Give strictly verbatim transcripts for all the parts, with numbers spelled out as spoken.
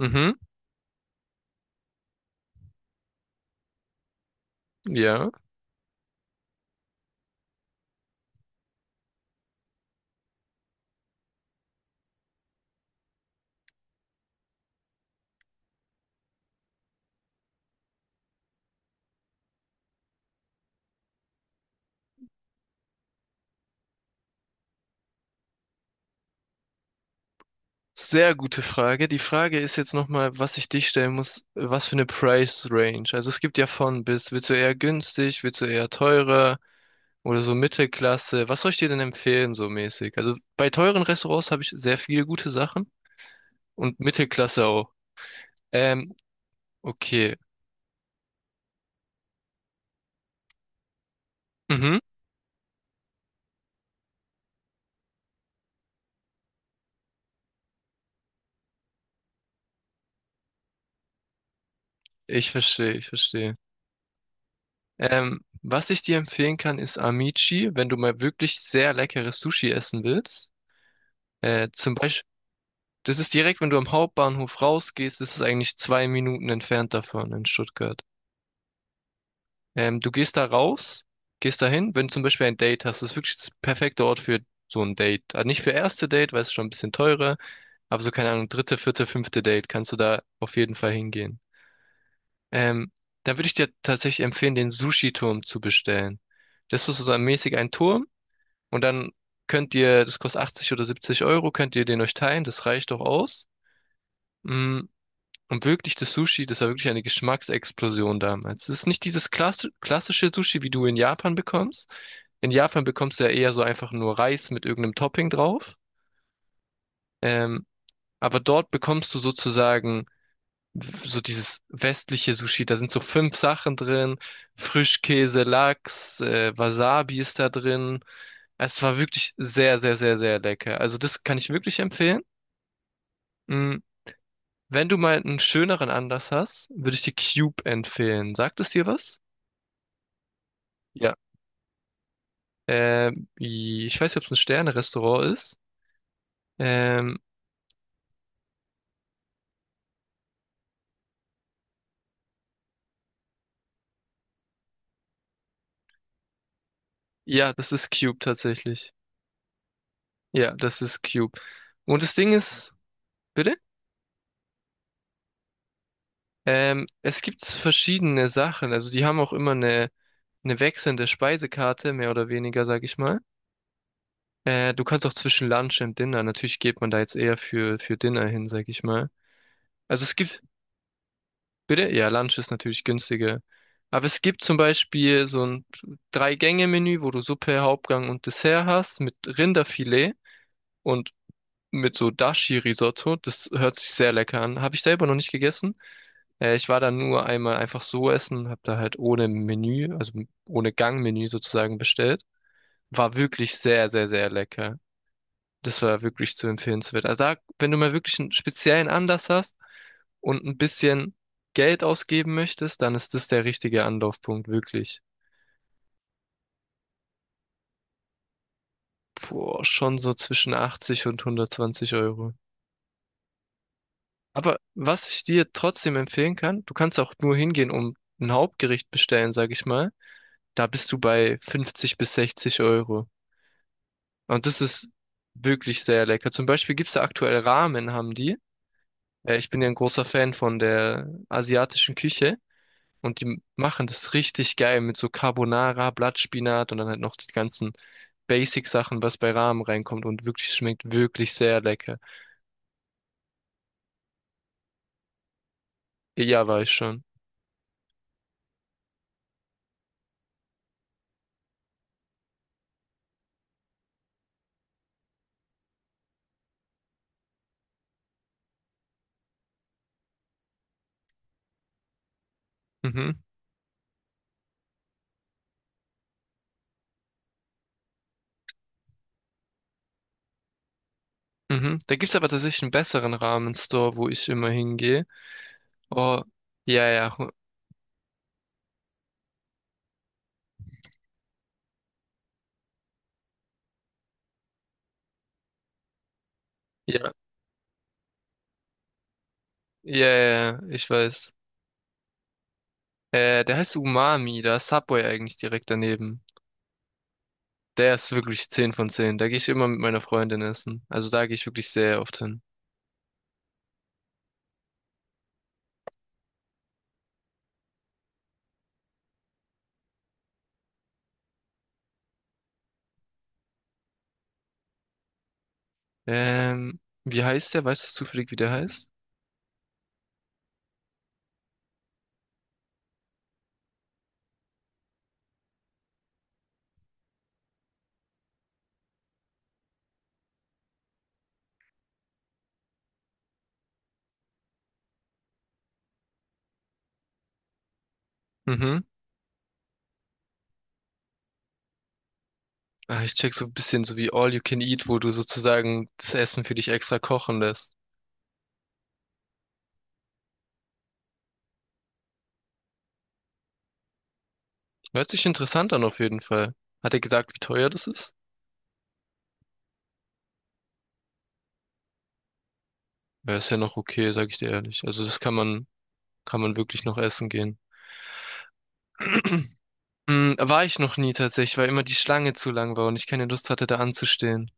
Mhm, ja. Sehr gute Frage. Die Frage ist jetzt nochmal, was ich dich stellen muss, was für eine Price Range. Also es gibt ja von bis, willst du eher günstig, willst du eher teurer oder so Mittelklasse? Was soll ich dir denn empfehlen, so mäßig? Also bei teuren Restaurants habe ich sehr viele gute Sachen und Mittelklasse auch. Ähm, okay. Mhm. Ich verstehe, ich verstehe. Ähm, was ich dir empfehlen kann, ist Amici, wenn du mal wirklich sehr leckeres Sushi essen willst. Äh, zum Beispiel: Das ist direkt, wenn du am Hauptbahnhof rausgehst, ist es eigentlich zwei Minuten entfernt davon in Stuttgart. Ähm, du gehst da raus, gehst da hin, wenn du zum Beispiel ein Date hast, das ist wirklich das perfekte Ort für so ein Date. Also nicht für erste Date, weil es ist schon ein bisschen teurer, aber so, keine Ahnung, dritte, vierte, fünfte Date kannst du da auf jeden Fall hingehen. Ähm, Dann würde ich dir tatsächlich empfehlen, den Sushi-Turm zu bestellen. Das ist so mäßig ein Turm und dann könnt ihr, das kostet achtzig oder siebzig Euro, könnt ihr den euch teilen, das reicht doch aus. Mm, Und wirklich das Sushi, das war wirklich eine Geschmacksexplosion damals. Es ist nicht dieses klass klassische Sushi, wie du in Japan bekommst. In Japan bekommst du ja eher so einfach nur Reis mit irgendeinem Topping drauf. Ähm, aber dort bekommst du sozusagen w- so dieses westliche Sushi. Da sind so fünf Sachen drin. Frischkäse, Lachs, äh, Wasabi ist da drin. Es war wirklich sehr, sehr, sehr, sehr lecker. Also das kann ich wirklich empfehlen. Mm, Wenn du mal einen schöneren Anlass hast, würde ich dir Cube empfehlen. Sagt es dir was? Ja. Ähm, ich weiß nicht, ob es ein Sterne-Restaurant ist. Ähm, ja, das ist Cube tatsächlich. Ja, das ist Cube. Und das Ding ist, bitte? Ähm, es gibt verschiedene Sachen. Also die haben auch immer eine, eine wechselnde Speisekarte, mehr oder weniger, sag ich mal. Äh, du kannst auch zwischen Lunch und Dinner. Natürlich geht man da jetzt eher für, für Dinner hin, sag ich mal. Also es gibt Bitte? Ja, Lunch ist natürlich günstiger. Aber es gibt zum Beispiel so ein Drei-Gänge-Menü, wo du Suppe, Hauptgang und Dessert hast mit Rinderfilet und mit so Dashi-Risotto. Das hört sich sehr lecker an. Habe ich selber noch nicht gegessen. Äh, ich war da nur einmal einfach so essen, habe da halt ohne Menü, also ohne Gangmenü sozusagen bestellt. War wirklich sehr, sehr, sehr lecker. Das war wirklich zu empfehlenswert. Also da, wenn du mal wirklich einen speziellen Anlass hast und ein bisschen Geld ausgeben möchtest, dann ist das der richtige Anlaufpunkt, wirklich. Boah, schon so zwischen achtzig und hundertzwanzig Euro. Aber was ich dir trotzdem empfehlen kann, du kannst auch nur hingehen, um ein Hauptgericht bestellen, sag ich mal. Da bist du bei fünfzig bis sechzig Euro. Und das ist wirklich sehr lecker. Zum Beispiel gibt's da aktuell Ramen, haben die. Äh, Ich bin ja ein großer Fan von der asiatischen Küche. Und die machen das richtig geil mit so Carbonara, Blattspinat und dann halt noch die ganzen Basic-Sachen, was bei Ramen reinkommt und wirklich schmeckt wirklich sehr lecker. Ja, weiß schon. Mhm, mhm. Da gibt's aber tatsächlich einen besseren Ramen-Store, wo ich immer hingehe. Oh, ja, ja, hu- ja, ja, ja, ja, ich weiß. Äh, der heißt Umami, da ist Subway eigentlich direkt daneben. Der ist wirklich zehn von zehn. Da gehe ich immer mit meiner Freundin essen. Also da gehe ich wirklich sehr oft hin. Ähm, wie heißt der? Weißt du zufällig, wie der heißt? Mhm. Ah, ich check so ein bisschen so wie All You Can Eat, wo du sozusagen das Essen für dich extra kochen lässt. Hört sich interessant an auf jeden Fall. Hat er gesagt, wie teuer das ist? Ja, ist ja noch okay, sag ich dir ehrlich. Also das kann man, kann man wirklich noch essen gehen. Hm, war ich noch nie tatsächlich, weil immer die Schlange zu lang war und ich keine Lust hatte, da anzustehen.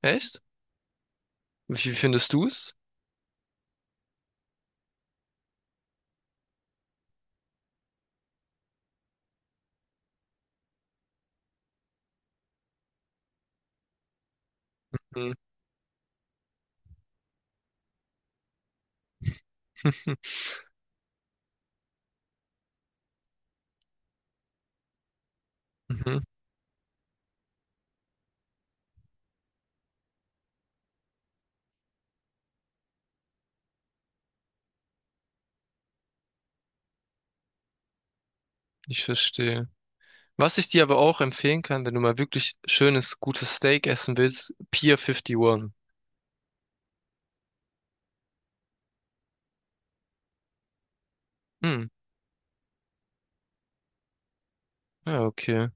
Echt? Wie wie findest du's? Hm. Mhm, ich verstehe. Was ich dir aber auch empfehlen kann, wenn du mal wirklich schönes, gutes Steak essen willst, Pier einundfünfzig. Hm. Ja, okay.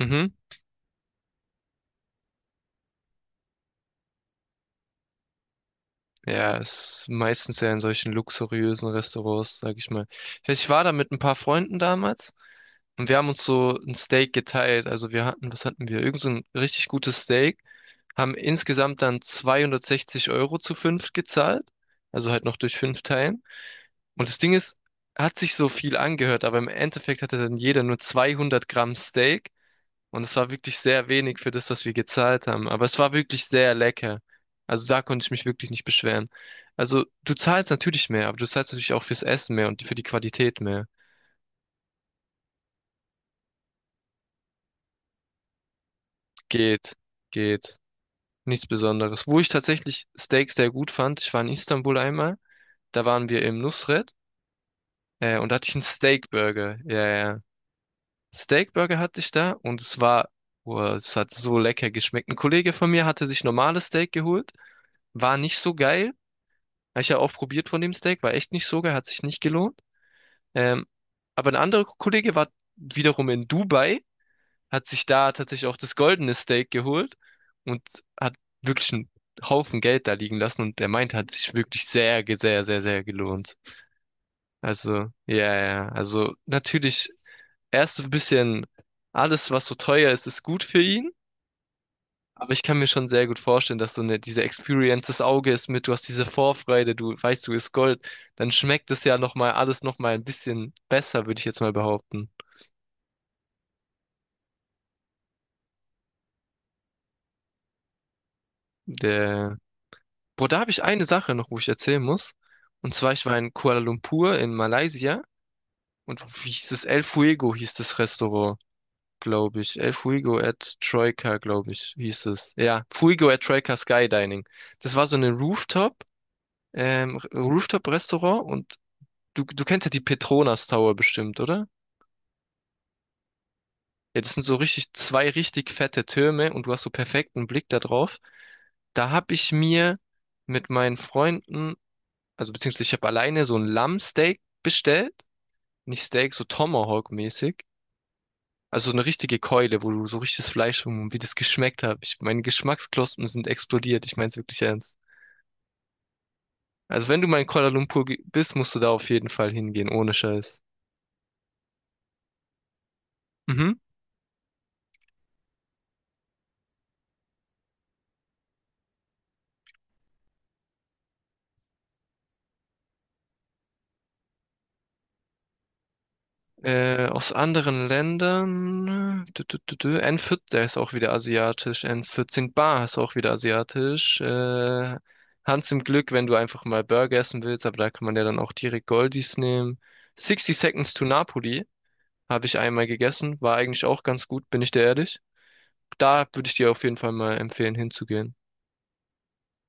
Mhm. Ja, ist meistens ja in solchen luxuriösen Restaurants, sag ich mal. Ich weiß, ich war da mit ein paar Freunden damals und wir haben uns so ein Steak geteilt. Also wir hatten, was hatten wir? Irgend so ein richtig gutes Steak. Haben insgesamt dann zweihundertsechzig Euro zu fünf gezahlt. Also halt noch durch fünf Teilen. Und das Ding ist, hat sich so viel angehört, aber im Endeffekt hatte dann jeder nur zweihundert Gramm Steak. Und es war wirklich sehr wenig für das, was wir gezahlt haben. Aber es war wirklich sehr lecker. Also da konnte ich mich wirklich nicht beschweren. Also du zahlst natürlich mehr, aber du zahlst natürlich auch fürs Essen mehr und für die Qualität mehr. Geht, geht. Nichts Besonderes. Wo ich tatsächlich Steak sehr gut fand, ich war in Istanbul einmal, da waren wir im Nusret, äh, und da hatte ich einen Steakburger. Ja, ja. Steakburger hatte ich da und es war, boah, es hat so lecker geschmeckt. Ein Kollege von mir hatte sich normales Steak geholt, war nicht so geil. Habe ich ja auch probiert von dem Steak, war echt nicht so geil, hat sich nicht gelohnt. Ähm, aber ein anderer Kollege war wiederum in Dubai, hat sich da tatsächlich auch das goldene Steak geholt und hat wirklich einen Haufen Geld da liegen lassen und der meint, hat sich wirklich sehr, ge- sehr, sehr, sehr gelohnt. Also, ja, ja, also natürlich erst so ein bisschen alles, was so teuer ist, ist gut für ihn. Aber ich kann mir schon sehr gut vorstellen, dass so eine, diese Experience des Auges mit, du hast diese Vorfreude, du weißt, du ist Gold, dann schmeckt es ja nochmal alles nochmal ein bisschen besser, würde ich jetzt mal behaupten. Der, boah, da habe ich eine Sache noch, wo ich erzählen muss. Und zwar, ich war in Kuala Lumpur in Malaysia und wie hieß es? El Fuego hieß das Restaurant, glaube ich. El Fuego at Troika, glaube ich, hieß es. Ja, Fuego at Troika Skydining. Das war so eine Rooftop, ähm, Rooftop-Restaurant und Du, du kennst ja die Petronas Tower bestimmt, oder? Ja, das sind so richtig zwei richtig fette Türme und du hast so perfekten Blick da drauf. Da habe ich mir mit meinen Freunden, also beziehungsweise ich habe alleine so ein Lammsteak bestellt. Nicht Steak, so Tomahawk-mäßig. Also so eine richtige Keule, wo du so richtiges Fleisch und wie das geschmeckt hat. Ich, meine Geschmacksknospen sind explodiert. Ich meine es wirklich ernst. Also wenn du mal in Kuala Lumpur ge- bist, musst du da auf jeden Fall hingehen, ohne Scheiß. Mhm. Äh, aus anderen Ländern. Dü, dü, dü, dü. N vierzehn, der ist auch wieder asiatisch. N vierzehn Bar ist auch wieder asiatisch. Äh, Hans im Glück, wenn du einfach mal Burger essen willst, aber da kann man ja dann auch direkt Goldies nehmen. Sixty Seconds to Napoli habe ich einmal gegessen, war eigentlich auch ganz gut, bin ich dir ehrlich. Da würde ich dir auf jeden Fall mal empfehlen, hinzugehen.